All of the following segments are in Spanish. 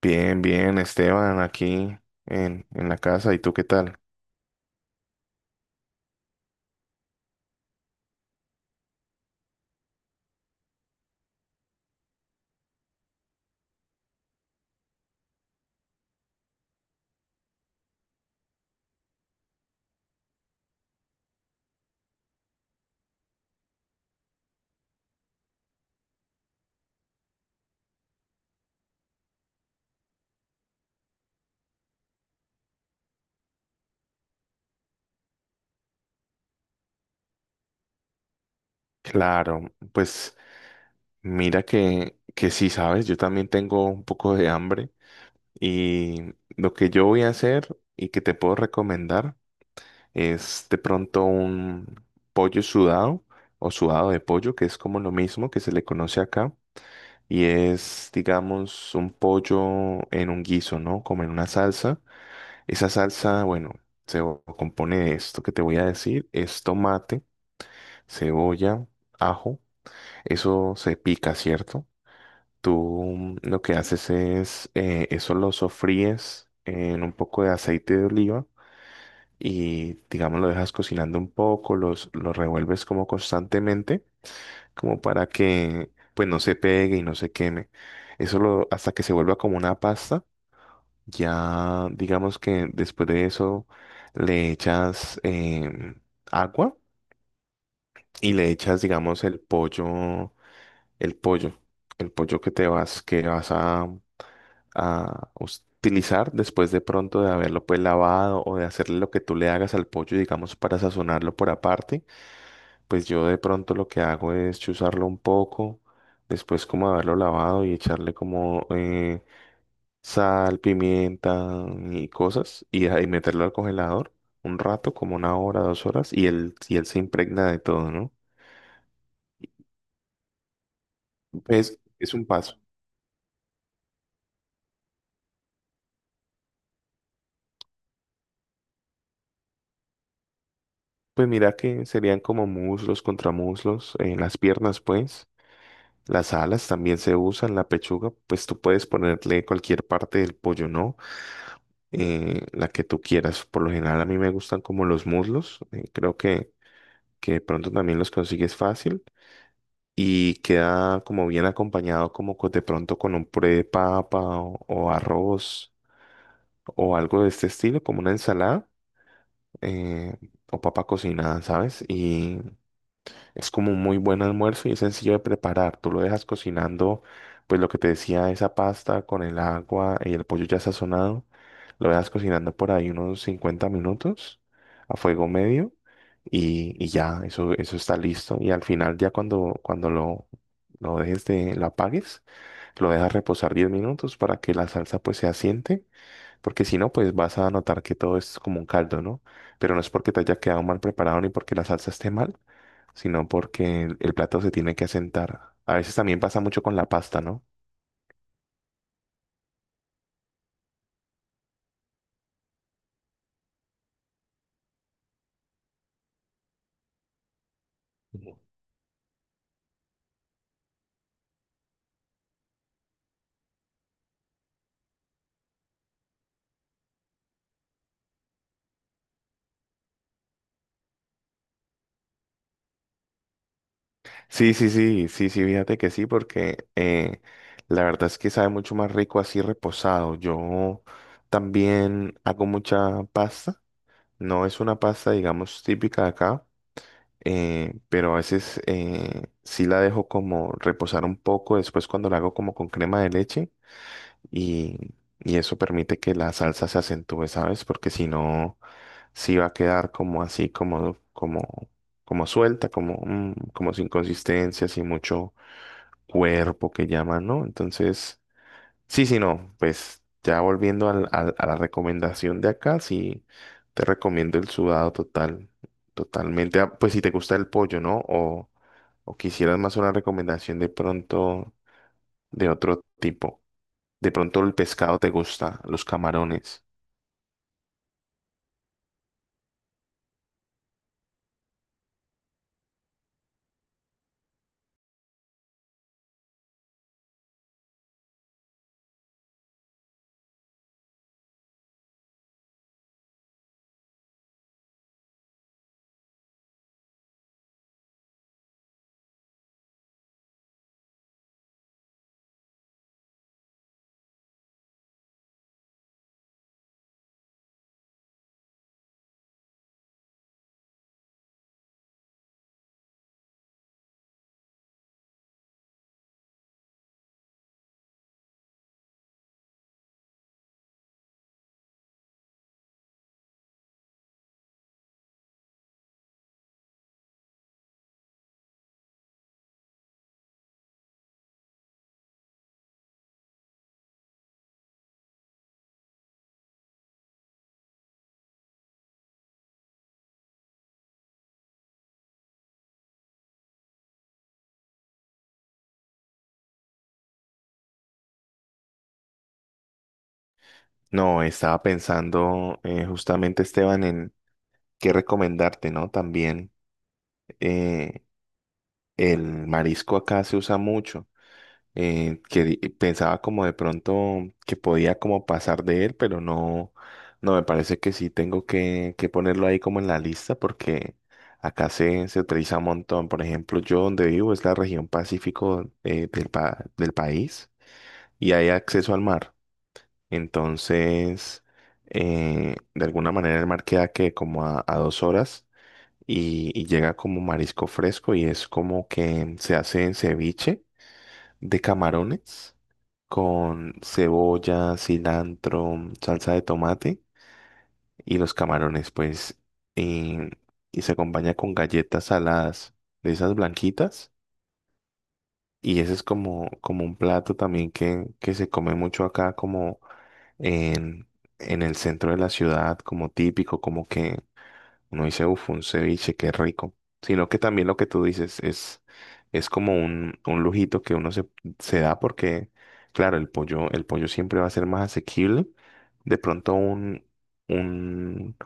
Bien, bien, Esteban, aquí en la casa. ¿Y tú qué tal? Claro, pues mira que sí, sabes, yo también tengo un poco de hambre y lo que yo voy a hacer y que te puedo recomendar es de pronto un pollo sudado o sudado de pollo, que es como lo mismo que se le conoce acá y es, digamos, un pollo en un guiso, ¿no? Como en una salsa. Esa salsa, bueno, compone de esto que te voy a decir, es tomate, cebolla, ajo, eso se pica, ¿cierto? Tú lo que haces es, eso lo sofríes en un poco de aceite de oliva y, digamos, lo dejas cocinando un poco, lo revuelves como constantemente, como para que, pues, no se pegue y no se queme. Hasta que se vuelva como una pasta. Ya, digamos que después de eso le echas agua y le echas, digamos, el pollo, el pollo que que vas a utilizar después de pronto de haberlo pues lavado o de hacerle lo que tú le hagas al pollo, digamos, para sazonarlo por aparte. Pues yo de pronto lo que hago es chuzarlo un poco, después como haberlo lavado y echarle como sal, pimienta y cosas y, ahí meterlo al congelador un rato, como una hora, 2 horas, y él se impregna de todo, ¿no? Es un paso. Pues mira que serían como muslos, contramuslos, las piernas, pues. Las alas también se usan, la pechuga, pues tú puedes ponerle cualquier parte del pollo, ¿no? La que tú quieras. Por lo general a mí me gustan como los muslos, creo que de pronto también los consigues fácil. Y queda como bien acompañado de pronto con un puré de papa o arroz o algo de este estilo, como una ensalada, eh, o papa cocinada, ¿sabes? Y es como un muy buen almuerzo y es sencillo de preparar. Tú lo dejas cocinando, pues lo que te decía, esa pasta con el agua y el pollo ya sazonado. Lo dejas cocinando por ahí unos 50 minutos a fuego medio y, eso está listo. Y al final ya cuando lo apagues, lo dejas reposar 10 minutos para que la salsa pues se asiente, porque si no, pues vas a notar que todo es como un caldo, ¿no? Pero no es porque te haya quedado mal preparado ni porque la salsa esté mal, sino porque el plato se tiene que asentar. A veces también pasa mucho con la pasta, ¿no? Sí, sí, sí, sí, sí, fíjate que sí, porque la verdad es que sabe mucho más rico así reposado. Yo también hago mucha pasta. No es una pasta, digamos, típica de acá, pero a veces sí la dejo como reposar un poco. Después cuando la hago como con crema de leche y, y eso permite que la salsa se acentúe, ¿sabes? Porque si no, sí va a quedar como así, como suelta, como sin consistencia, sin mucho cuerpo que llaman, ¿no? Entonces, sí, sí, no, pues ya volviendo a la recomendación de acá, sí, te recomiendo el sudado total, totalmente, pues si te gusta el pollo, ¿no? O quisieras más una recomendación de pronto de otro tipo. De pronto el pescado te gusta, los camarones. No, estaba pensando justamente, Esteban, en qué recomendarte, ¿no? También eh, el marisco acá se usa mucho. Pensaba como de pronto que podía como pasar de él, pero no, no, me parece que sí tengo que ponerlo ahí como en la lista porque acá se utiliza un montón. Por ejemplo, yo donde vivo es la región Pacífico, del país y hay acceso al mar. Entonces, de alguna manera el mar queda que como a 2 horas y llega como marisco fresco y es como que se hace en ceviche de camarones con cebolla, cilantro, salsa de tomate y los camarones, pues, y, y se acompaña con galletas saladas de esas blanquitas. Y ese es como un plato también que se come mucho acá, como en, en el centro de la ciudad como típico, como que uno dice, uff, un ceviche, qué rico, sino que también lo que tú dices es como un lujito que uno se da porque, claro, el pollo siempre va a ser más asequible. De pronto un,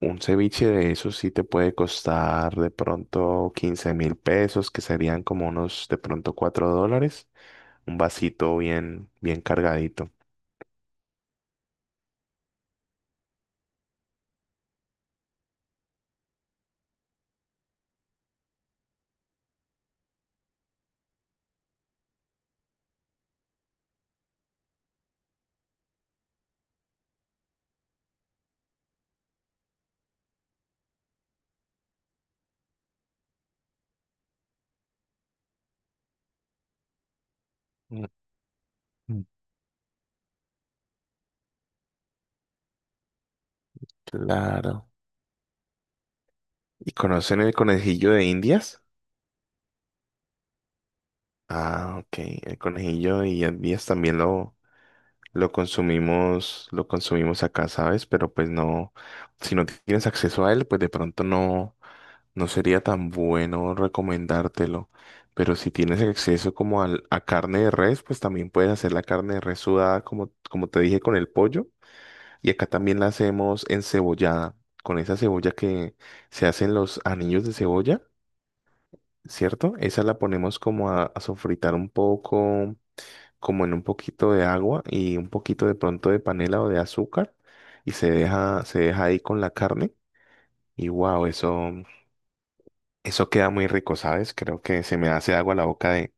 un ceviche de esos sí te puede costar de pronto 15.000 pesos, que serían como unos de pronto $4, un vasito bien, bien cargadito. Mm. Claro. ¿Y conocen el conejillo de Indias? Ah, ok. El conejillo de Indias también lo consumimos acá, ¿sabes? Pero pues no, si no tienes acceso a él, pues de pronto no, no sería tan bueno recomendártelo. Pero si tienes acceso a carne de res, pues también puedes hacer la carne de res sudada, como te dije, con el pollo. Y acá también la hacemos encebollada, con esa cebolla que se hacen los anillos de cebolla, ¿cierto? Esa la ponemos como a sofritar un poco, como en un poquito de agua y un poquito de pronto de panela o de azúcar y se deja ahí con la carne y wow, eso queda muy rico, ¿sabes? Creo que se me hace agua la boca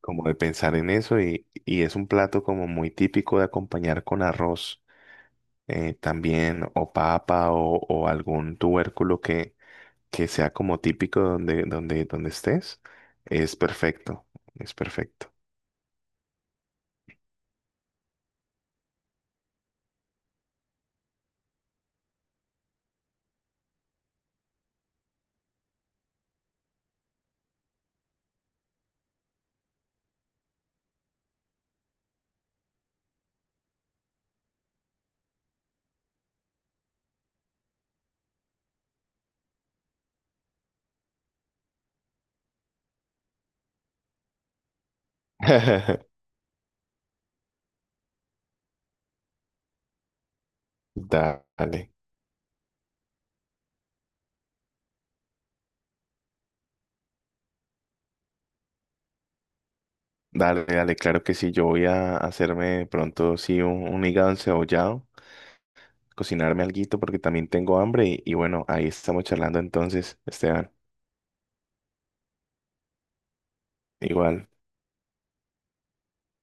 como de pensar en eso y es un plato como muy típico de acompañar con arroz. También o papa o algún tubérculo que sea como típico donde estés, es perfecto, es perfecto. Dale, dale, dale, claro que sí. Yo voy a hacerme pronto, sí, un hígado encebollado, cocinarme alguito porque también tengo hambre y bueno, ahí estamos charlando entonces, Esteban. Igual.